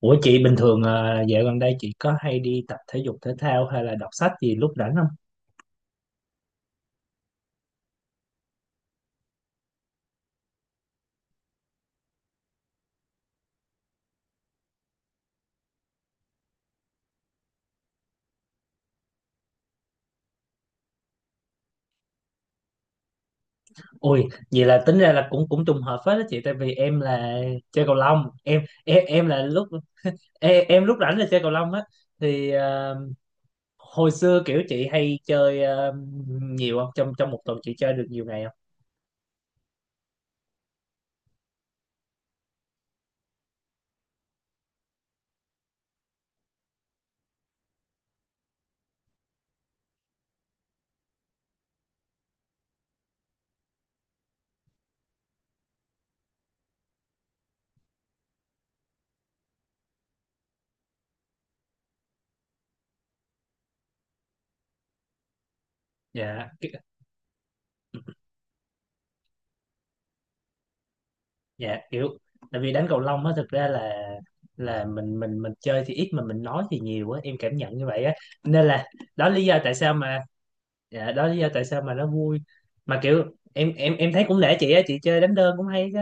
Ủa chị bình thường dạo gần đây chị có hay đi tập thể dục thể thao hay là đọc sách gì lúc rảnh không? Ôi, vậy là tính ra là cũng cũng trùng hợp phết đó chị, tại vì em là chơi cầu lông. Em là lúc em lúc rảnh là chơi cầu lông á. Thì hồi xưa kiểu chị hay chơi nhiều không? Trong trong một tuần chị chơi được nhiều ngày không? Dạ, ki- dạ, kiểu tại vì đánh cầu lông á, thực ra là mình chơi thì ít mà mình nói thì nhiều á, em cảm nhận như vậy á. Nên là đó là lý do tại sao mà dạ đó là lý do tại sao mà nó vui, mà kiểu em thấy cũng nể chị á, chị chơi đánh đơn cũng hay chứ.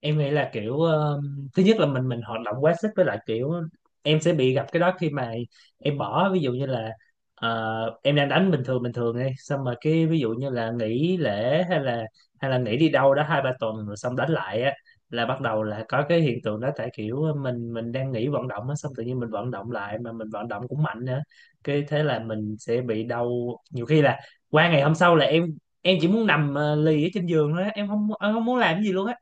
Em nghĩ là kiểu thứ nhất là mình hoạt động quá sức, với lại kiểu em sẽ bị gặp cái đó khi mà em bỏ ví dụ như là ờ, em đang đánh bình thường đi, xong mà cái ví dụ như là nghỉ lễ hay là nghỉ đi đâu đó 2 3 tuần rồi xong đánh lại á, là bắt đầu là có cái hiện tượng đó. Tại kiểu mình đang nghỉ vận động á, xong tự nhiên mình vận động lại mà mình vận động cũng mạnh nữa, cái thế là mình sẽ bị đau. Nhiều khi là qua ngày hôm sau là em chỉ muốn nằm lì ở trên giường thôi á, em không muốn làm cái gì luôn á.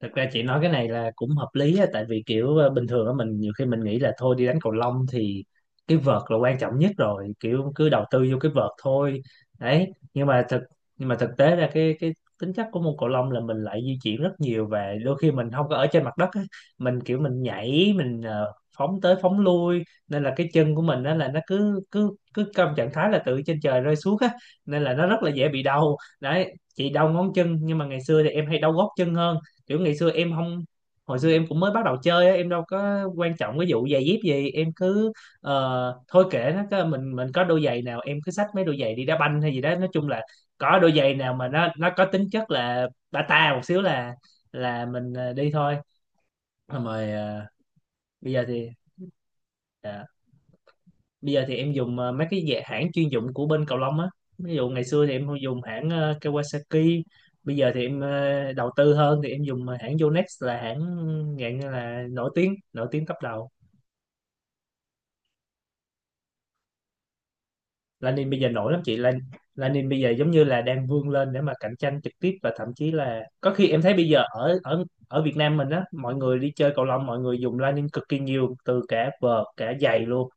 Thực ra chị nói cái này là cũng hợp lý á, tại vì kiểu bình thường á mình nhiều khi mình nghĩ là thôi đi đánh cầu lông thì cái vợt là quan trọng nhất rồi, kiểu cứ đầu tư vô cái vợt thôi. Đấy, nhưng mà thực nhưng mà thực tế ra cái tính chất của môn cầu lông là mình lại di chuyển rất nhiều, và đôi khi mình không có ở trên mặt đất á, mình kiểu mình nhảy, mình phóng tới phóng lui, nên là cái chân của mình đó là nó cứ cứ cứ trong trạng thái là từ trên trời rơi xuống á, nên là nó rất là dễ bị đau. Đấy, chị đau ngón chân, nhưng mà ngày xưa thì em hay đau gót chân hơn. Kiểu ngày xưa em không Hồi xưa em cũng mới bắt đầu chơi á, em đâu có quan trọng cái vụ giày dép gì, em cứ thôi kệ, mình có đôi giày nào em cứ xách mấy đôi giày đi đá banh hay gì đó, nói chung là có đôi giày nào mà nó có tính chất là bata một xíu là mình đi thôi. Xong rồi bây giờ thì à, bây giờ thì em dùng mấy cái dạng hãng chuyên dụng của bên cầu lông á. Ví dụ ngày xưa thì em dùng hãng Kawasaki, bây giờ thì em đầu tư hơn thì em dùng hãng Yonex, là hãng dạng như là nổi tiếng, nổi tiếng top đầu. Lanin bây giờ nổi lắm chị Lan. Lanin bây giờ giống như là đang vươn lên để mà cạnh tranh trực tiếp, và thậm chí là có khi em thấy bây giờ ở ở ở Việt Nam mình á, mọi người đi chơi cầu lông mọi người dùng Lanin cực kỳ nhiều, từ cả vợt cả giày luôn.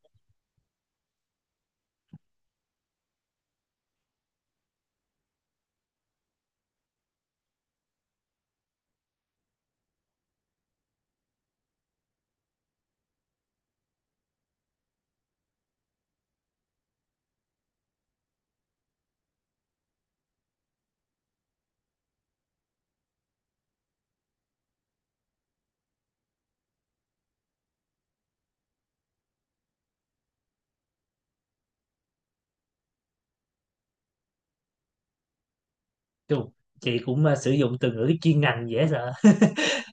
Chù, chị cũng sử dụng từ ngữ chuyên ngành dễ sợ.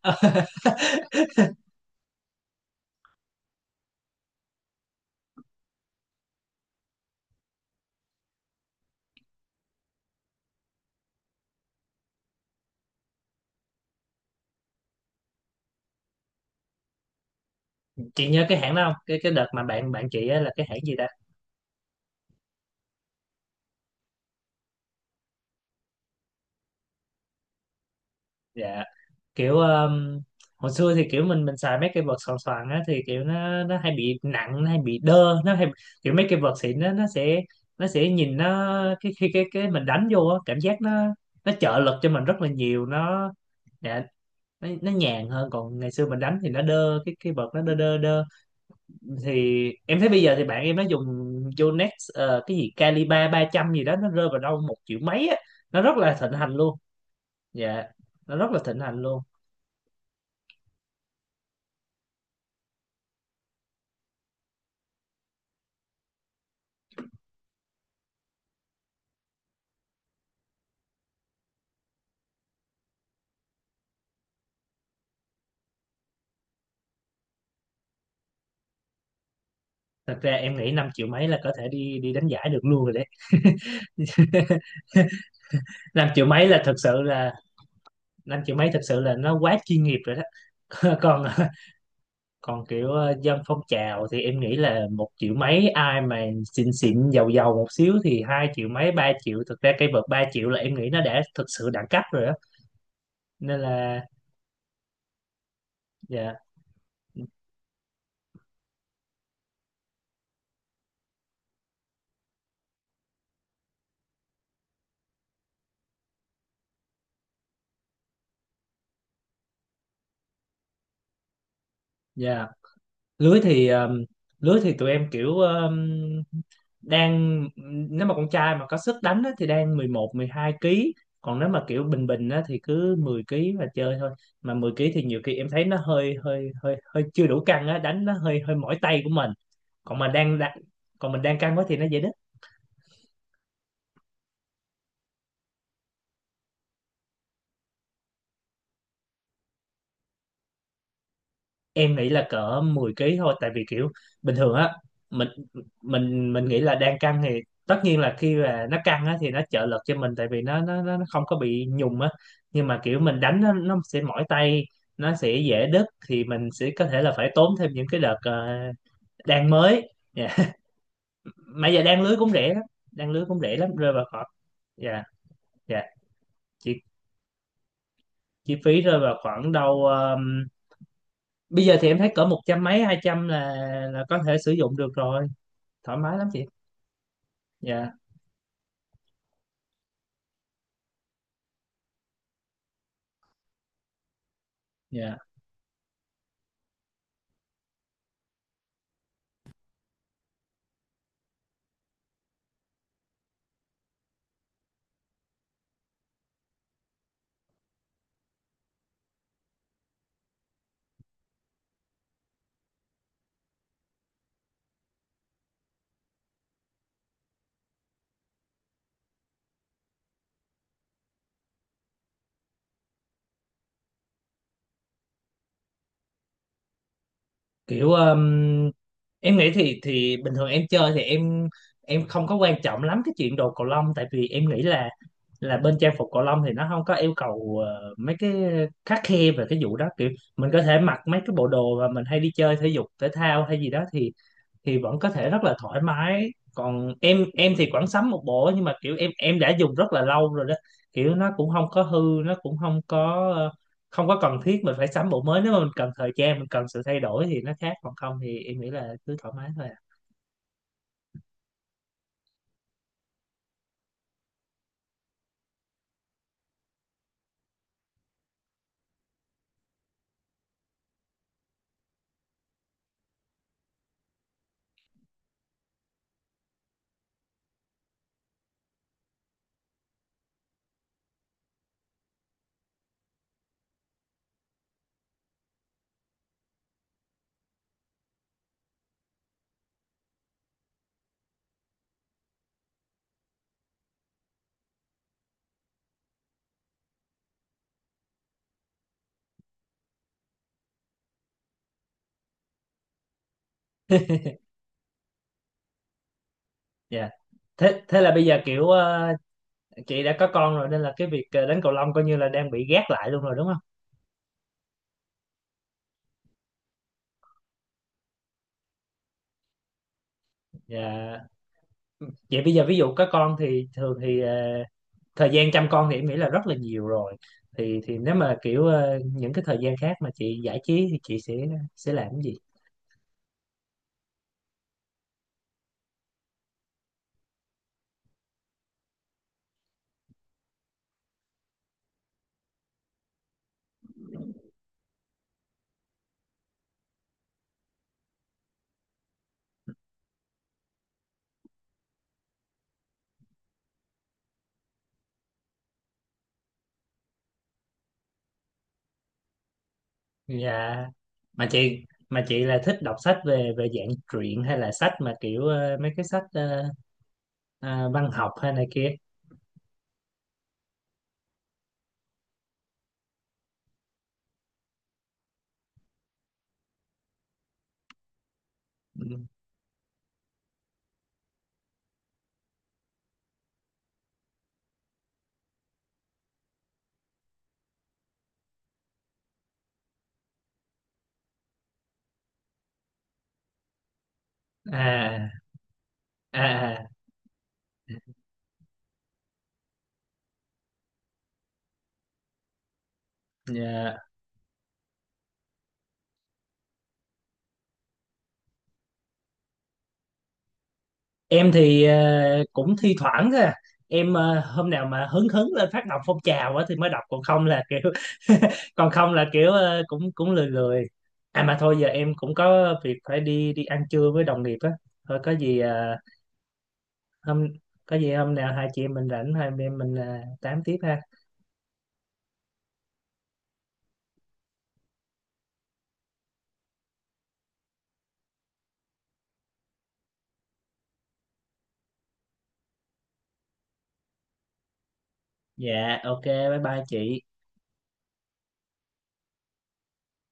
Chị nhớ cái hãng đó không, cái đợt mà bạn bạn chị á, là cái hãng gì ta? Dạ kiểu hồi xưa thì kiểu mình xài mấy cái vợt xoàn xoàn á, thì kiểu nó hay bị nặng, nó hay bị đơ, nó hay kiểu mấy cái vợt xịn nó sẽ nó sẽ nhìn nó cái khi cái mình đánh vô á, cảm giác nó trợ lực cho mình rất là nhiều nó. Dạ, nó nhàn hơn, còn ngày xưa mình đánh thì nó đơ, cái vợt nó đơ đơ đơ. Thì em thấy bây giờ thì bạn em nó dùng Yonex cái gì Calibre 300 gì đó, nó rơi vào đâu 1 triệu mấy á, nó rất là thịnh hành luôn. Dạ, nó rất là thịnh hành luôn. Thật ra em nghĩ 5 triệu mấy là có thể đi đi đánh giải được luôn rồi đấy. Năm triệu mấy là thật sự là 5 triệu mấy thật sự là nó quá chuyên nghiệp rồi đó. còn Còn kiểu dân phong trào thì em nghĩ là 1 triệu mấy ai mà xịn xịn giàu giàu một xíu thì 2 triệu mấy 3 triệu. Thực ra cây vợt 3 triệu là em nghĩ nó đã thực sự đẳng cấp rồi đó, nên là dạ. Dạ, lưới thì um, lưới thì tụi em kiểu đang nếu mà con trai mà có sức đánh á, thì đang 11 12 ký, còn nếu mà kiểu bình bình á, thì cứ 10 ký mà chơi thôi. Mà 10 ký thì nhiều khi em thấy nó hơi hơi hơi hơi chưa đủ căng á, đánh nó hơi hơi mỏi tay của mình. còn mà đang đang- Còn mình đang căng quá thì nó dễ. Em nghĩ là cỡ 10 ký thôi, tại vì kiểu bình thường á mình mình nghĩ là đang căng thì tất nhiên là khi mà nó căng á thì nó trợ lực cho mình, tại vì nó không có bị nhùng á. Nhưng mà kiểu mình đánh nó sẽ mỏi tay, nó sẽ dễ đứt, thì mình sẽ có thể là phải tốn thêm những cái đợt đan mới dạ. Mà giờ đan lưới cũng rẻ lắm, đan lưới cũng rẻ lắm, rơi vào khoảng dạ. Dạ, chi, chi phí rơi vào khoảng đâu bây giờ thì em thấy cỡ 100 mấy 200 là có thể sử dụng được rồi, thoải mái lắm chị. Dạ. Dạ kiểu em nghĩ thì bình thường em chơi thì em không có quan trọng lắm cái chuyện đồ cầu lông, tại vì em nghĩ là bên trang phục cầu lông thì nó không có yêu cầu mấy cái khắt khe về cái vụ đó. Kiểu mình có thể mặc mấy cái bộ đồ mà mình hay đi chơi thể dục thể thao hay gì đó thì vẫn có thể rất là thoải mái. Còn em thì khoảng sắm một bộ, nhưng mà kiểu em đã dùng rất là lâu rồi đó, kiểu nó cũng không có hư, nó cũng không có không có cần thiết mình phải sắm bộ mới. Nếu mà mình cần thời gian, mình cần sự thay đổi thì nó khác, còn không thì em nghĩ là cứ thoải mái thôi à. Dạ. Thế thế là bây giờ kiểu chị đã có con rồi, nên là cái việc đánh cầu lông coi như là đang bị gác lại luôn rồi đúng không? Dạ, vậy bây giờ ví dụ có con thì thường thì thời gian chăm con thì em nghĩ là rất là nhiều rồi, thì nếu mà kiểu những cái thời gian khác mà chị giải trí thì chị sẽ làm cái gì? Dạ, mà chị, mà chị là thích đọc sách về về dạng truyện hay là sách mà kiểu mấy cái sách văn học hay này kia? Ừ. À à à. Dạ. Em thì cũng thi thoảng thôi à. Em hôm nào mà hứng hứng lên phát động phong trào á thì mới đọc, còn không là kiểu còn không là kiểu cũng cũng lười lười. À mà thôi giờ em cũng có việc phải đi đi ăn trưa với đồng nghiệp á. Thôi có gì hôm có gì hôm nào hai chị em mình rảnh, hai anh em mình tám tiếp ha. Dạ ok bye bye chị.